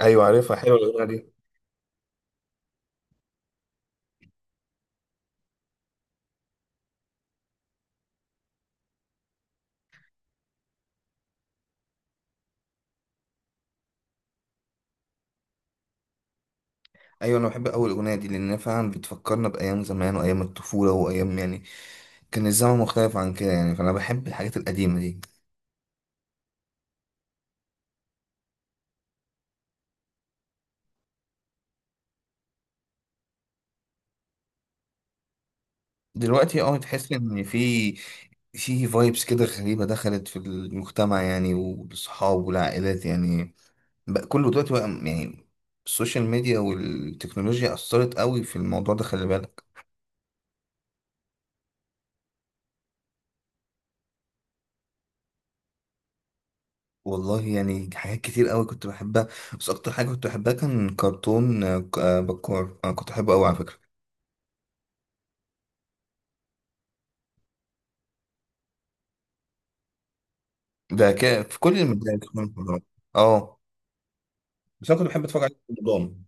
ايوه، عارفها حلوه الاغنيه دي. ايوه انا بحب اول الاغنيه دي لان فعلا بتفكرنا بايام زمان وايام الطفوله وايام يعني كان الزمن مختلف عن كده يعني، فانا بحب الحاجات القديمه دي. دلوقتي اه تحس ان في فايبس كده غريبه دخلت في المجتمع يعني، والصحاب والعائلات يعني بقى كله دلوقتي بقى يعني السوشيال ميديا والتكنولوجيا اثرت قوي في الموضوع ده، خلي بالك. والله يعني حاجات كتير قوي كنت بحبها، بس اكتر حاجه كنت بحبها كان كرتون بكار. انا كنت بحبه قوي على فكره. في كل المدارس، في كل المحاضرات. اه. بس انا كنت بحب اتفرج عليه بنظام.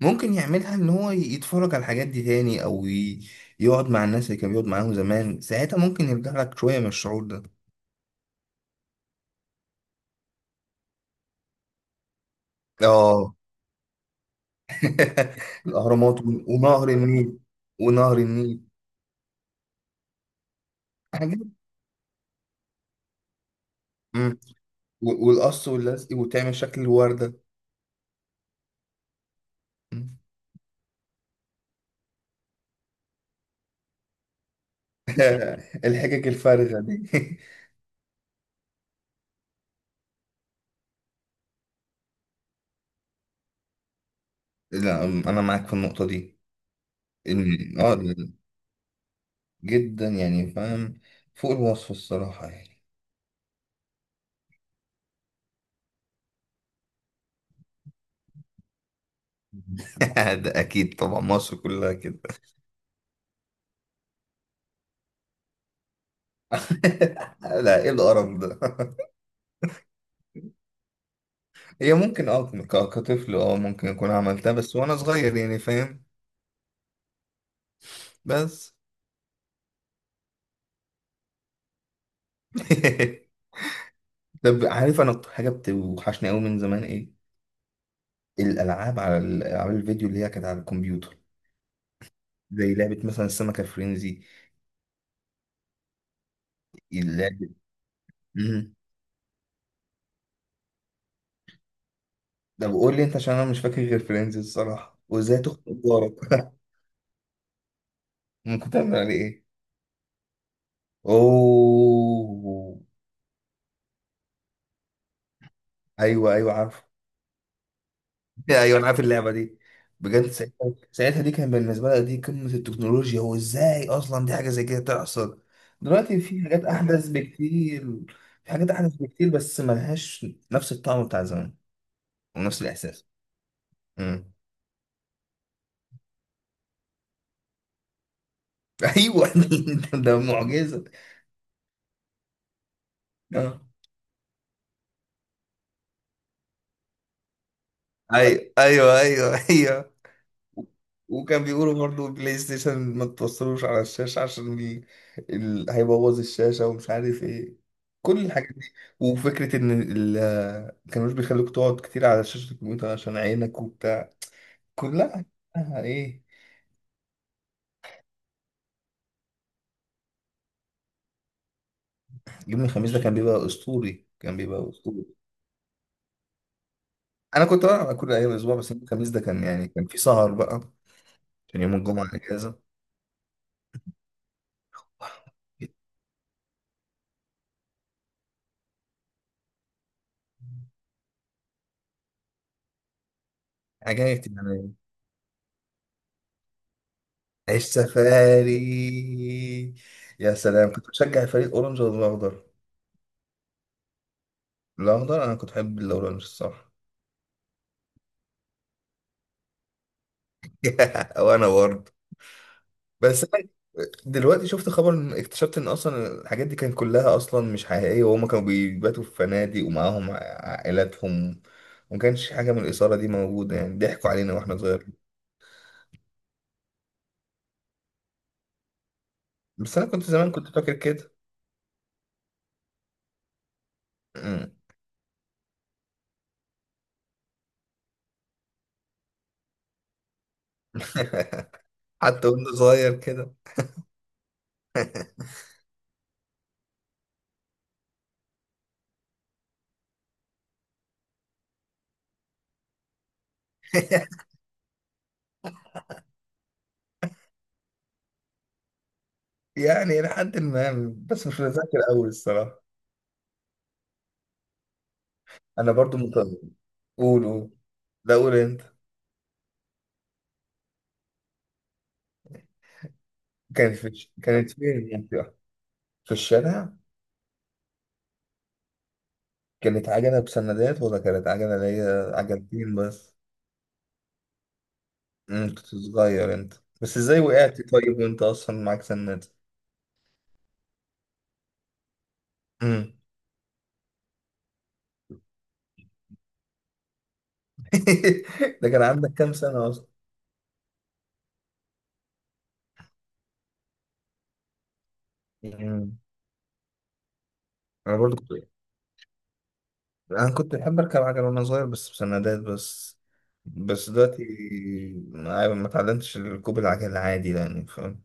ممكن يعملها ان هو يتفرج على الحاجات دي تاني يقعد مع الناس اللي كان بيقعد معاهم زمان، ساعتها ممكن يرجع لك شويه من الشعور ده. اه. الاهرامات ونهر النيل. ونهر النيل. حاجات. مم. والقص واللزق وتعمل شكل الورده. مم. الحجج الفارغه دي. لا انا معاك في النقطه دي. اه، جدا يعني فاهم، فوق الوصف الصراحة يعني. ده اكيد طبعا، مصر كلها كده. لا، ايه القرف ده؟ هي ممكن اه، كطفل اه ممكن اكون عملتها، بس وانا صغير يعني فاهم. بس طب عارف انا اكتر حاجة بتوحشني قوي من زمان ايه؟ الالعاب، على العاب الفيديو اللي هي كانت على الكمبيوتر. زي لعبة مثلا السمكة فرينزي. اللعبة مم. طب قول لي انت، عشان انا مش فاكر غير فرينزي الصراحة وازاي تخنق جارك. ممكن تعمل عليه ايه؟ اوه. ايوه ايوه عارف. ايوه انا عارف اللعبه دي. بجد ساعتها، ساعتها دي كان بالنسبه لها دي قمه التكنولوجيا، وازاي اصلا دي حاجه زي كده تحصل؟ دلوقتي في حاجات احدث بكتير. في حاجات احدث بكتير بس ملهاش نفس الطعم بتاع زمان ونفس الاحساس. امم. ايوه. ده ده معجزه. آه. ايوه ايوه ايوه ايوه. وكان بيقولوا برضو بلاي ستيشن ما توصلوش على الشاشة عشان هيبوظ الشاشة ومش عارف ايه، كل الحاجات دي. وفكرة ما كانوش بيخلوك تقعد كتير على شاشة الكمبيوتر عشان عينك وبتاع، كلها كلها ايه. يوم الخميس ده كان بيبقى اسطوري، كان بيبقى اسطوري. انا كنت بلعب كل ايام الاسبوع، بس يوم الخميس ده كان يعني كان في سهر بقى عشان يوم الجمعة اجازة. حاجات يعني. السفاري، يا سلام. كنت بشجع فريق اورنج ولا الاخضر؟ الاخضر. انا كنت بحب الاورنج الصراحه. وانا برضه. بس أنا دلوقتي شفت خبر اكتشفت ان اصلا الحاجات دي كانت كلها اصلا مش حقيقيه، وهم كانوا بيباتوا في فنادق ومعاهم عائلاتهم، وما كانش حاجه من الاثاره دي موجوده يعني. ضحكوا علينا واحنا صغيرين. بس انا كنت زمان كنت فاكر كده. مم. حتى وانا صغير كده. يعني لحد ما، بس مش متذكر قوي الصراحه. انا برضو مكرر. قول قول. لا، قول انت. كانت فين يعني، في الشارع؟ كانت عجلة بسندات ولا كانت عجلة اللي هي عجلتين بس؟ امم، كنت صغير انت. بس ازاي وقعت طيب وانت اصلا معاك سندات؟ امم. ده كان عندك كام سنة اصلا؟ امم. انا برضو كنت، انا كنت بحب اركب عجلة وانا صغير، بس بسندات بس. بس دلوقتي ما اتعلمتش ركوب العجل عادي يعني فاهم.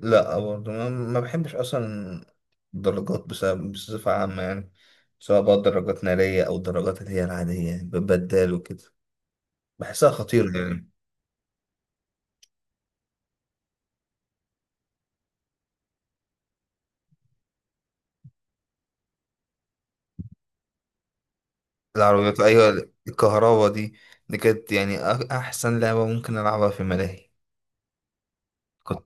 لا برضه ما بحبش اصلا درجات بسبب بصفة عامة يعني. سواء بقى درجات نارية أو الدرجات اللي هي العادية يعني ببدال وكده، بحسها خطيرة يعني. العربيات أيوة، الكهرباء دي دي كانت يعني أحسن لعبة ممكن ألعبها في ملاهي. كنت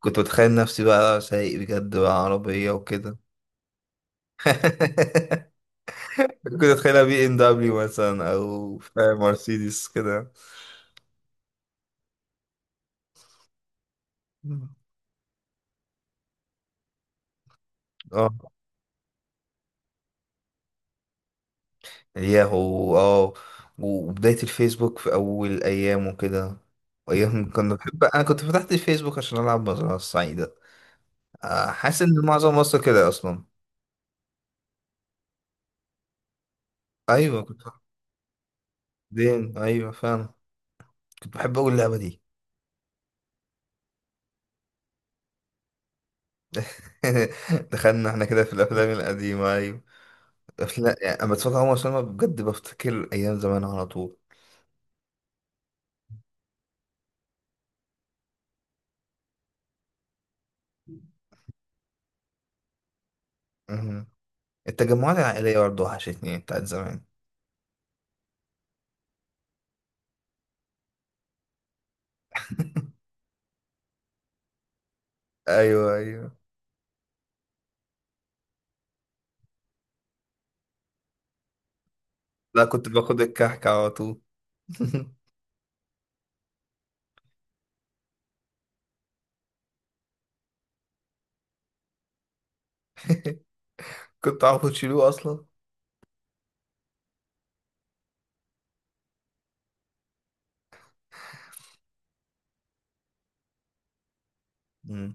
كنت بتخيل نفسي بقى سايق بجد بقى عربية وكده. كنت أتخيلها بي إم دبليو مثلا أو فاهم مرسيدس كده. اه. ياهو، اه. وبداية الفيسبوك في أول أيام وكده. أيام كنا بحب، أنا كنت فتحت الفيسبوك عشان ألعب مزرعة السعيدة. حاسس إن معظم مصر كده أصلا. أيوة كنت، دين أيوة فاهم. كنت بحب أقول اللعبة دي. دخلنا احنا كده في الأفلام القديمة أيوة. أفلام يعني أما بتفرج على عمر سلمى بجد بفتكر أيام زمان على طول. مهم. التجمعات العائلية برضه وحشتني بتاعت زمان. أيوة أيوة. لا كنت باخد الكحك على طول. كنت عارف تشيلوه أصلا؟ مم.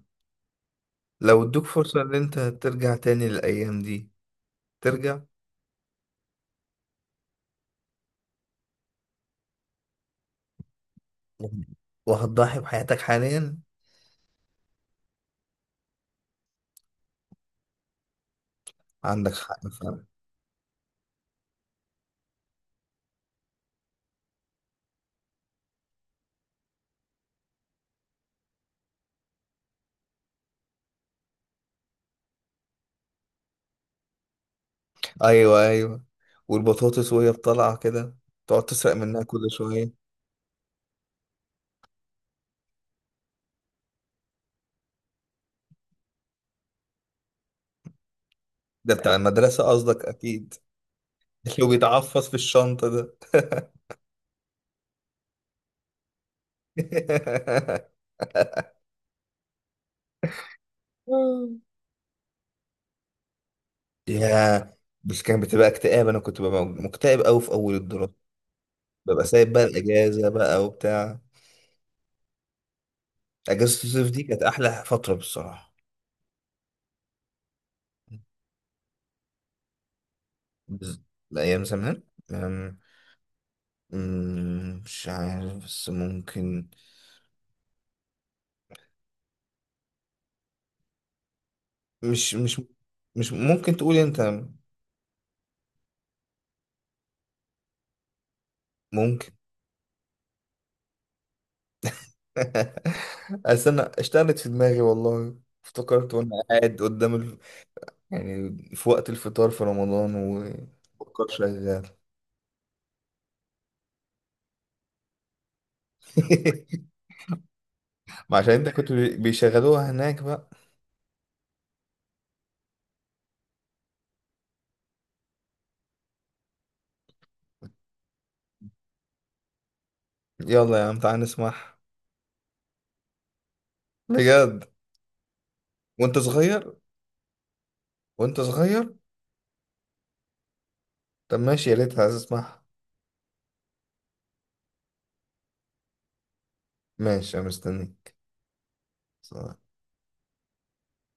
لو ادوك فرصة ان انت ترجع تاني للأيام دي، ترجع وهتضحي بحياتك حاليا؟ عندك حق فعلا. ايوه ايوه. والبطاطس وهي بطلعة كده تقعد تسرق منها كل شوية. ده بتاع المدرسة قصدك اكيد. اللي بيتعفص في الشنطة ده. يا. بس كان بتبقى اكتئاب، انا كنت ببقى مكتئب قوي في اول الدراسة، ببقى سايب بقى الاجازة بقى وبتاع. اجازة الصيف دي كانت احلى فترة بالصراحة. بز- ايام زمان. أم، أم، مش عارف بس ممكن، مش مش مش ممكن تقولي انت؟ ممكن. استنى اشتغلت في دماغي والله. افتكرت وانا قاعد قدام يعني في وقت الفطار في رمضان، وفكر شغال. ما عشان انت كنت بيشغلوها هناك بقى. يلا يا عم تعال نسمعها. بجد وانت صغير؟ وانت صغير؟ طب ماشي، يا ريت عايز اسمعها. ماشي، انا مستنيك.